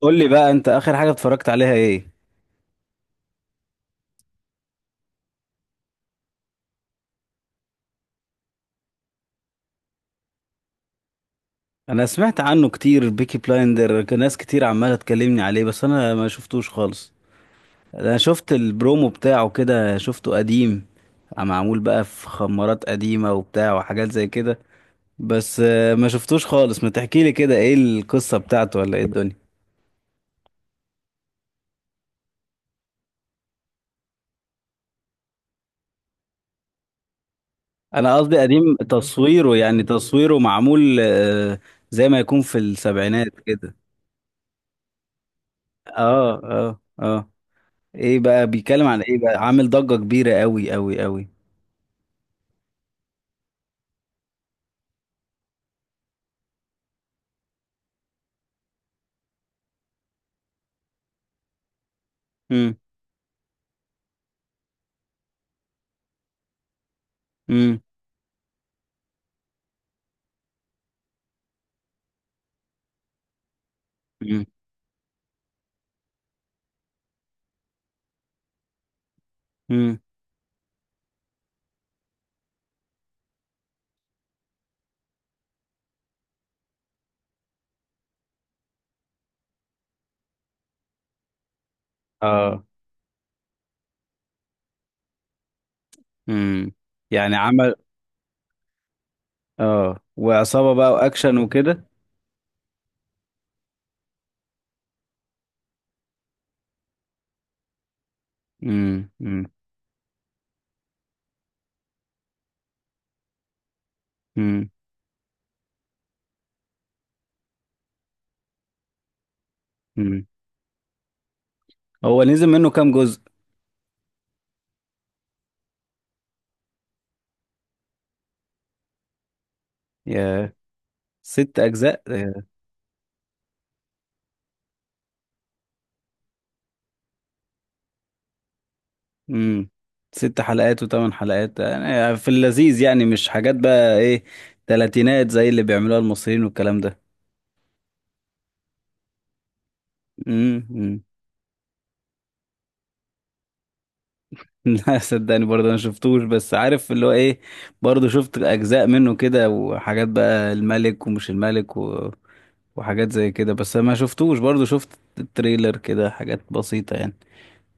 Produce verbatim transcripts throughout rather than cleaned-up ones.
قول لي بقى، انت اخر حاجة اتفرجت عليها ايه؟ انا سمعت عنه كتير، بيكي بلايندر كان ناس كتير عمالة تكلمني عليه، بس انا ما شفتوش خالص. انا شفت البرومو بتاعه كده، شفته قديم. معمول بقى في خمارات قديمة وبتاع وحاجات زي كده. بس آه، ما شفتوش خالص. ما تحكي لي كده، ايه القصة بتاعته ولا ايه الدنيا؟ انا قصدي قديم تصويره، يعني تصويره معمول آه، زي ما يكون في السبعينات كده. اه، اه، اه. ايه بقى بيتكلم عن ايه؟ بقى عامل ضجة كبيرة قوي قوي قوي. امم، امم، امم، امم، اه، امم. يعني عمل. اه، وعصابة بقى واكشن وكده. امم، امم، امم، امم. هو نزل منه كام جزء؟ يا، ست اجزاء. امم. ست حلقات وثمان حلقات، يعني في اللذيذ، يعني مش حاجات بقى ايه؟ تلاتينات زي اللي بيعملوها المصريين والكلام ده. امم. لا صدقني، برضه انا شفتوش بس عارف اللي هو ايه. برضه شفت اجزاء منه كده وحاجات بقى، الملك ومش الملك و وحاجات زي كده، بس ما شفتوش. برضه شفت التريلر كده، حاجات بسيطة يعني.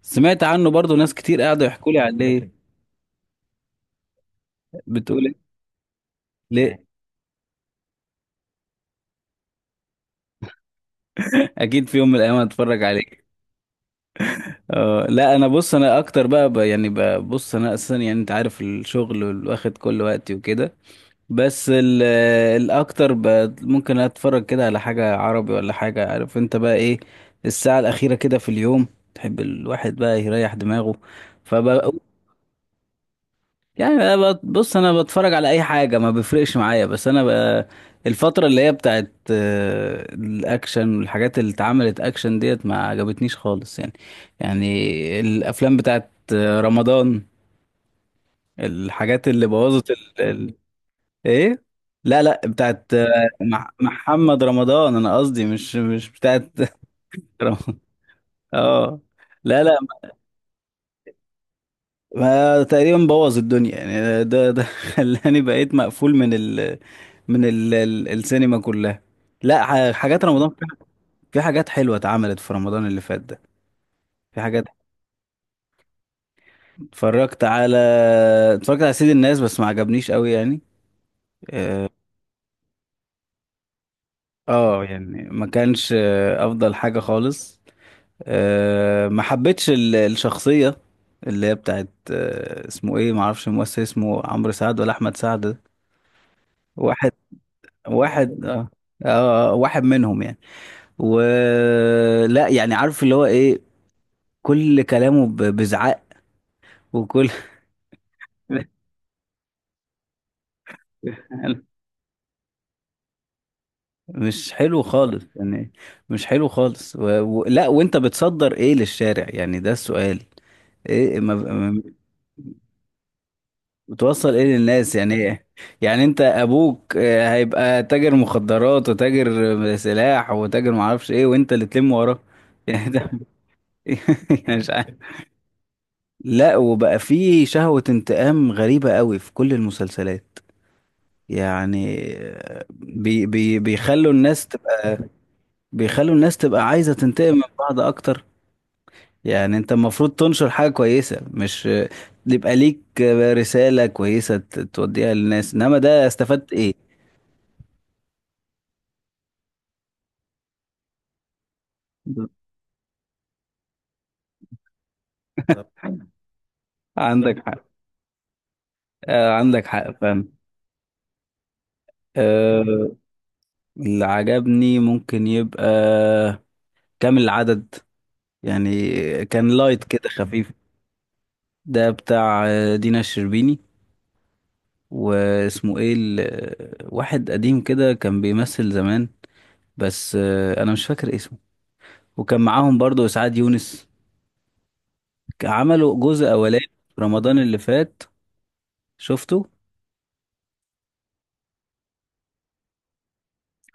سمعت عنه برضه، ناس كتير قاعدة يحكوا لي عليه. بتقول إيه؟ ليه؟ اكيد في يوم من الايام هتفرج عليه. اه، لا انا بص، انا اكتر بقى, بقى يعني بقى بص انا اصلا، يعني انت عارف الشغل واخد كل وقتي وكده. بس ال- آه، الاكتر ب- ممكن اتفرج كده على حاجة عربي ولا حاجة، عارف انت بقى ايه. الساعة الاخيرة كده في اليوم، تحب الواحد بقى يريح دماغه. فب يعني أنا بت- بص، انا بتفرج على اي حاجة ما بيفرقش معايا، بس انا بقى الفترة اللي هي بتاعت آه، الاكشن، والحاجات اللي اتعملت اكشن ديت ما عجبتنيش خالص يعني. يعني الافلام بتاعت آه، رمضان، الحاجات اللي بوظت. ال- ايه. لا، لا، بتاعت آه، مح- محمد رمضان، انا قصدي مش مش بتاعت رمضان. اه. لا، لا. ما تقريبا بوظ الدنيا يعني، ده ده خلاني بقيت مقفول من ال من ال ال السينما كلها. لا، ح- حاجات رمضان في. في حاجات حلوة اتعملت في رمضان اللي فات ده. في حاجات. اتفرجت على اتفرجت على سيد الناس، بس ما عجبنيش قوي يعني. اه. آه، يعني ما كانش آه، افضل حاجة خالص. أه ما حبيتش ال- الشخصية اللي هي بتاعت، أه اسمه ايه، ما اعرفش الممثل، اسمه عمرو سعد ولا احمد سعد ده؟ واحد، واحد، اه. آه، آه، واحد منهم يعني. ولا، يعني، عارف اللي هو ايه. كل كلامه ب- بزعق، وكل مش حلو خالص يعني. مش حلو خالص و... و... لا، وانت بتصدر ايه للشارع؟ يعني ده السؤال. ايه، ما... بتوصل ايه للناس، يعني ايه؟ يعني انت ابوك آه، هيبقى تاجر مخدرات، وتاجر آه، سلاح، وتاجر معرفش ايه، وانت اللي تلم وراه. يعني ده يعني مش عارف. لا، وبقى في شهوة انتقام غريبة قوي في كل المسلسلات. يعني آه، بي بي بيخلوا الناس تبقى، بيخلوا الناس تبقى عايزة تنتقم من بعض اكتر. يعني انت المفروض تنشر حاجة كويسة، مش آه، يبقى ليك آه، رسالة كويسة ت- توديها للناس، انما ده استفدت ايه؟ طب، عندك حق. آه، عندك حق، فاهم. آه. اللي عجبني ممكن يبقى كامل العدد، يعني كان لايت كده، خفيف. ده بتاع آه، دينا الشربيني، واسمه ايه ال- آه، واحد قديم كده كان بيمثل زمان، بس آه انا مش فاكر اسمه. وكان معاهم برضو اسعاد يونس. عملوا جزء اولاني في رمضان اللي فات. شفته؟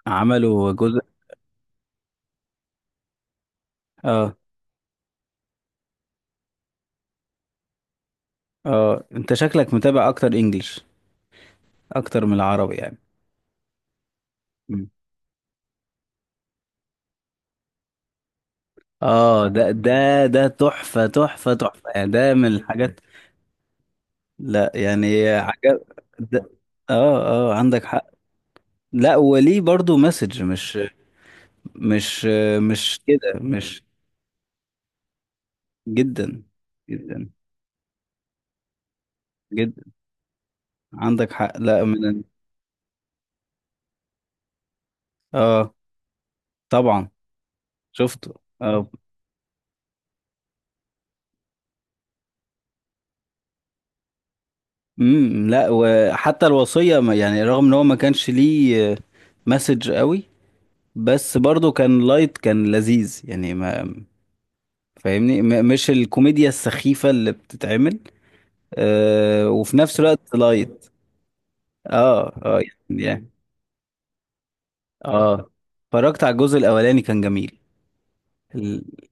عملوا جزء. اه. اه، انت شكلك متابع اكتر انجلش اكتر من العربي يعني. مم. اه، ده ده ده تحفة تحفة تحفة، يعني ده من الحاجات. لا، يعني عجب ده. اه. اه، عندك حق. لا، وليه برضو مسج، مش مش مش كده، مش جدا جدا جدا. عندك حق، لا، من. اه، طبعا. شفته، اه. امم. لا، وحتى الوصية ما- يعني رغم ان هو ما كانش ليه مسج قوي، بس برضو كان لايت، كان لذيذ يعني. ما فاهمني، م مش الكوميديا السخيفة اللي بتتعمل. آه وفي نفس الوقت لايت. اه، اه. يعني، يعني- اه. اتفرجت على الجزء الاولاني كان جميل. ال-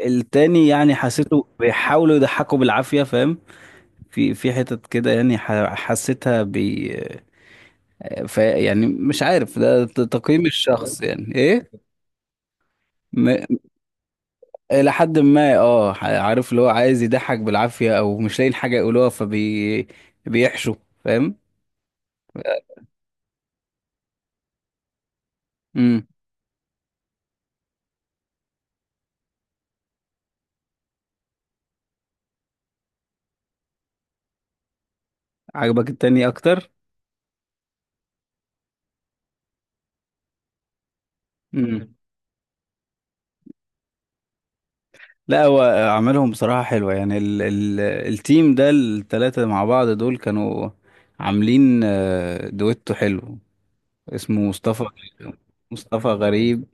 التاني يعني حسيته بيحاولوا يضحكوا بالعافية، فاهم. في في حتت كده، يعني ح- حسيتها بي. ف يعني مش عارف ده ت- تقييم الشخص يعني ايه. م... الى حد ما، اه، ح- عارف اللي هو عايز يضحك بالعافية، او مش لاقيين حاجة يقولوها فبي بيحشوا، فاهم. امم. عجبك التاني اكتر؟ امم. لا، هو عملهم بصراحة حلوة، يعني ال ال التيم ده التلاتة مع بعض دول كانوا عاملين آه، دويتو حلو. اسمه مصطفى، مصطفى غريب.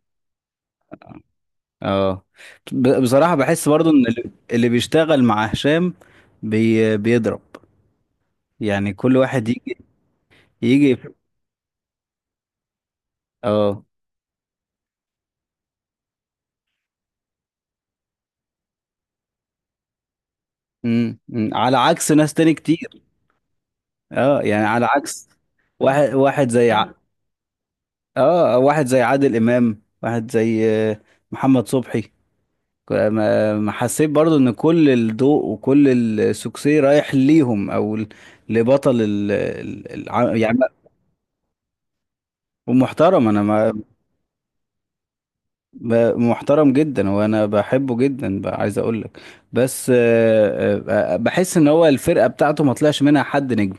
اه. ب- بصراحة بحس برضو ان اللي اللي بيشتغل مع هشام بي بيضرب، يعني كل واحد يجي يجي. اه. امم أمم. على عكس ناس تاني كتير. اه، يعني على عكس واحد، واحد زي ع- اه، آه، واحد زي عادل امام، واحد زي آه، محمد صبحي. ك- ما ما حسيت برضو ان كل الضوء وكل السوكسي رايح ليهم، او ل- لبطل ال ال- الع- يعني. ومحترم، انا ما ب- محترم جدا، وانا بحبه جدا بقى، عايز اقول لك. بس آه، آه، آه، بحس ان هو الفرقة بتاعته ما طلعش منها حد نجم.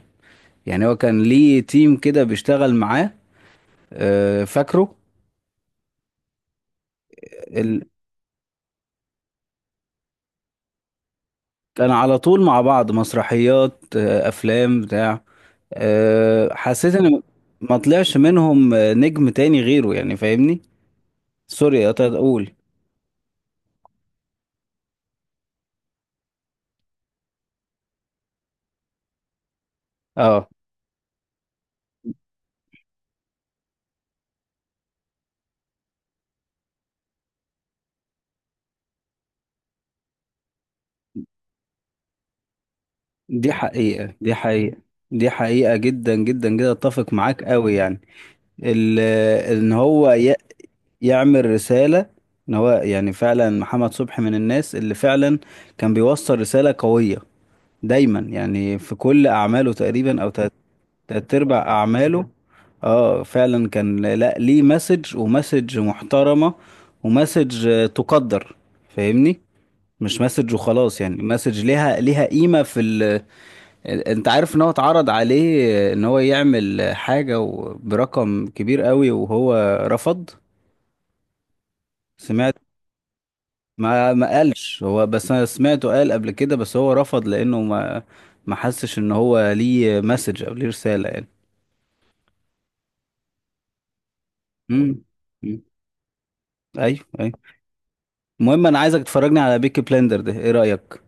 يعني هو كان ليه تيم كده بيشتغل معاه، آه، فاكره. ال- كان على طول مع بعض، مسرحيات، آه، افلام بتاع، أه حسيت ان ما طلعش منهم آه، نجم تاني غيره، يعني فاهمني. سوري قطعت، اقول. اه، دي حقيقة، دي حقيقة. دي حقيقة جدا جدا جدا، اتفق معاك قوي يعني. ال- آه، ان هو ي- يعمل رسالة، ان هو يعني فعلا محمد صبحي من الناس اللي فعلا كان بيوصل رسالة قوية دايما، يعني في كل اعماله تقريبا او تلات ارباع اعماله. اه، فعلا كان، لا، ليه مسج، ومسج محترمة، ومسج آه، تقدر، فاهمني. مش مسج وخلاص، يعني مسج ليها ليها قيمة في ال... انت عارف ان هو اتعرض عليه آه، ان هو يعمل آه، حاجة و- برقم كبير قوي، وهو رفض. سمعت، ما ما قالش هو، بس انا سمعته قال قبل كده، بس هو رفض لانه ما ما حسش ان هو ليه مسج او ليه رسالة يعني. امم، ايوه، أيوة. المهم، انا عايزك تفرجني على بيكي بلندر ده، ايه رأيك؟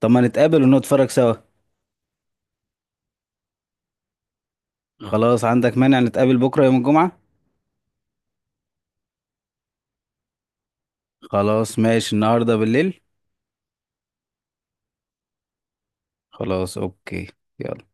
طب ما نتقابل ونتفرج سوا. خلاص، عندك مانع نتقابل بكرة يوم الجمعة؟ خلاص، ماشي، النهاردة بالليل. خلاص، اوكي. يلا.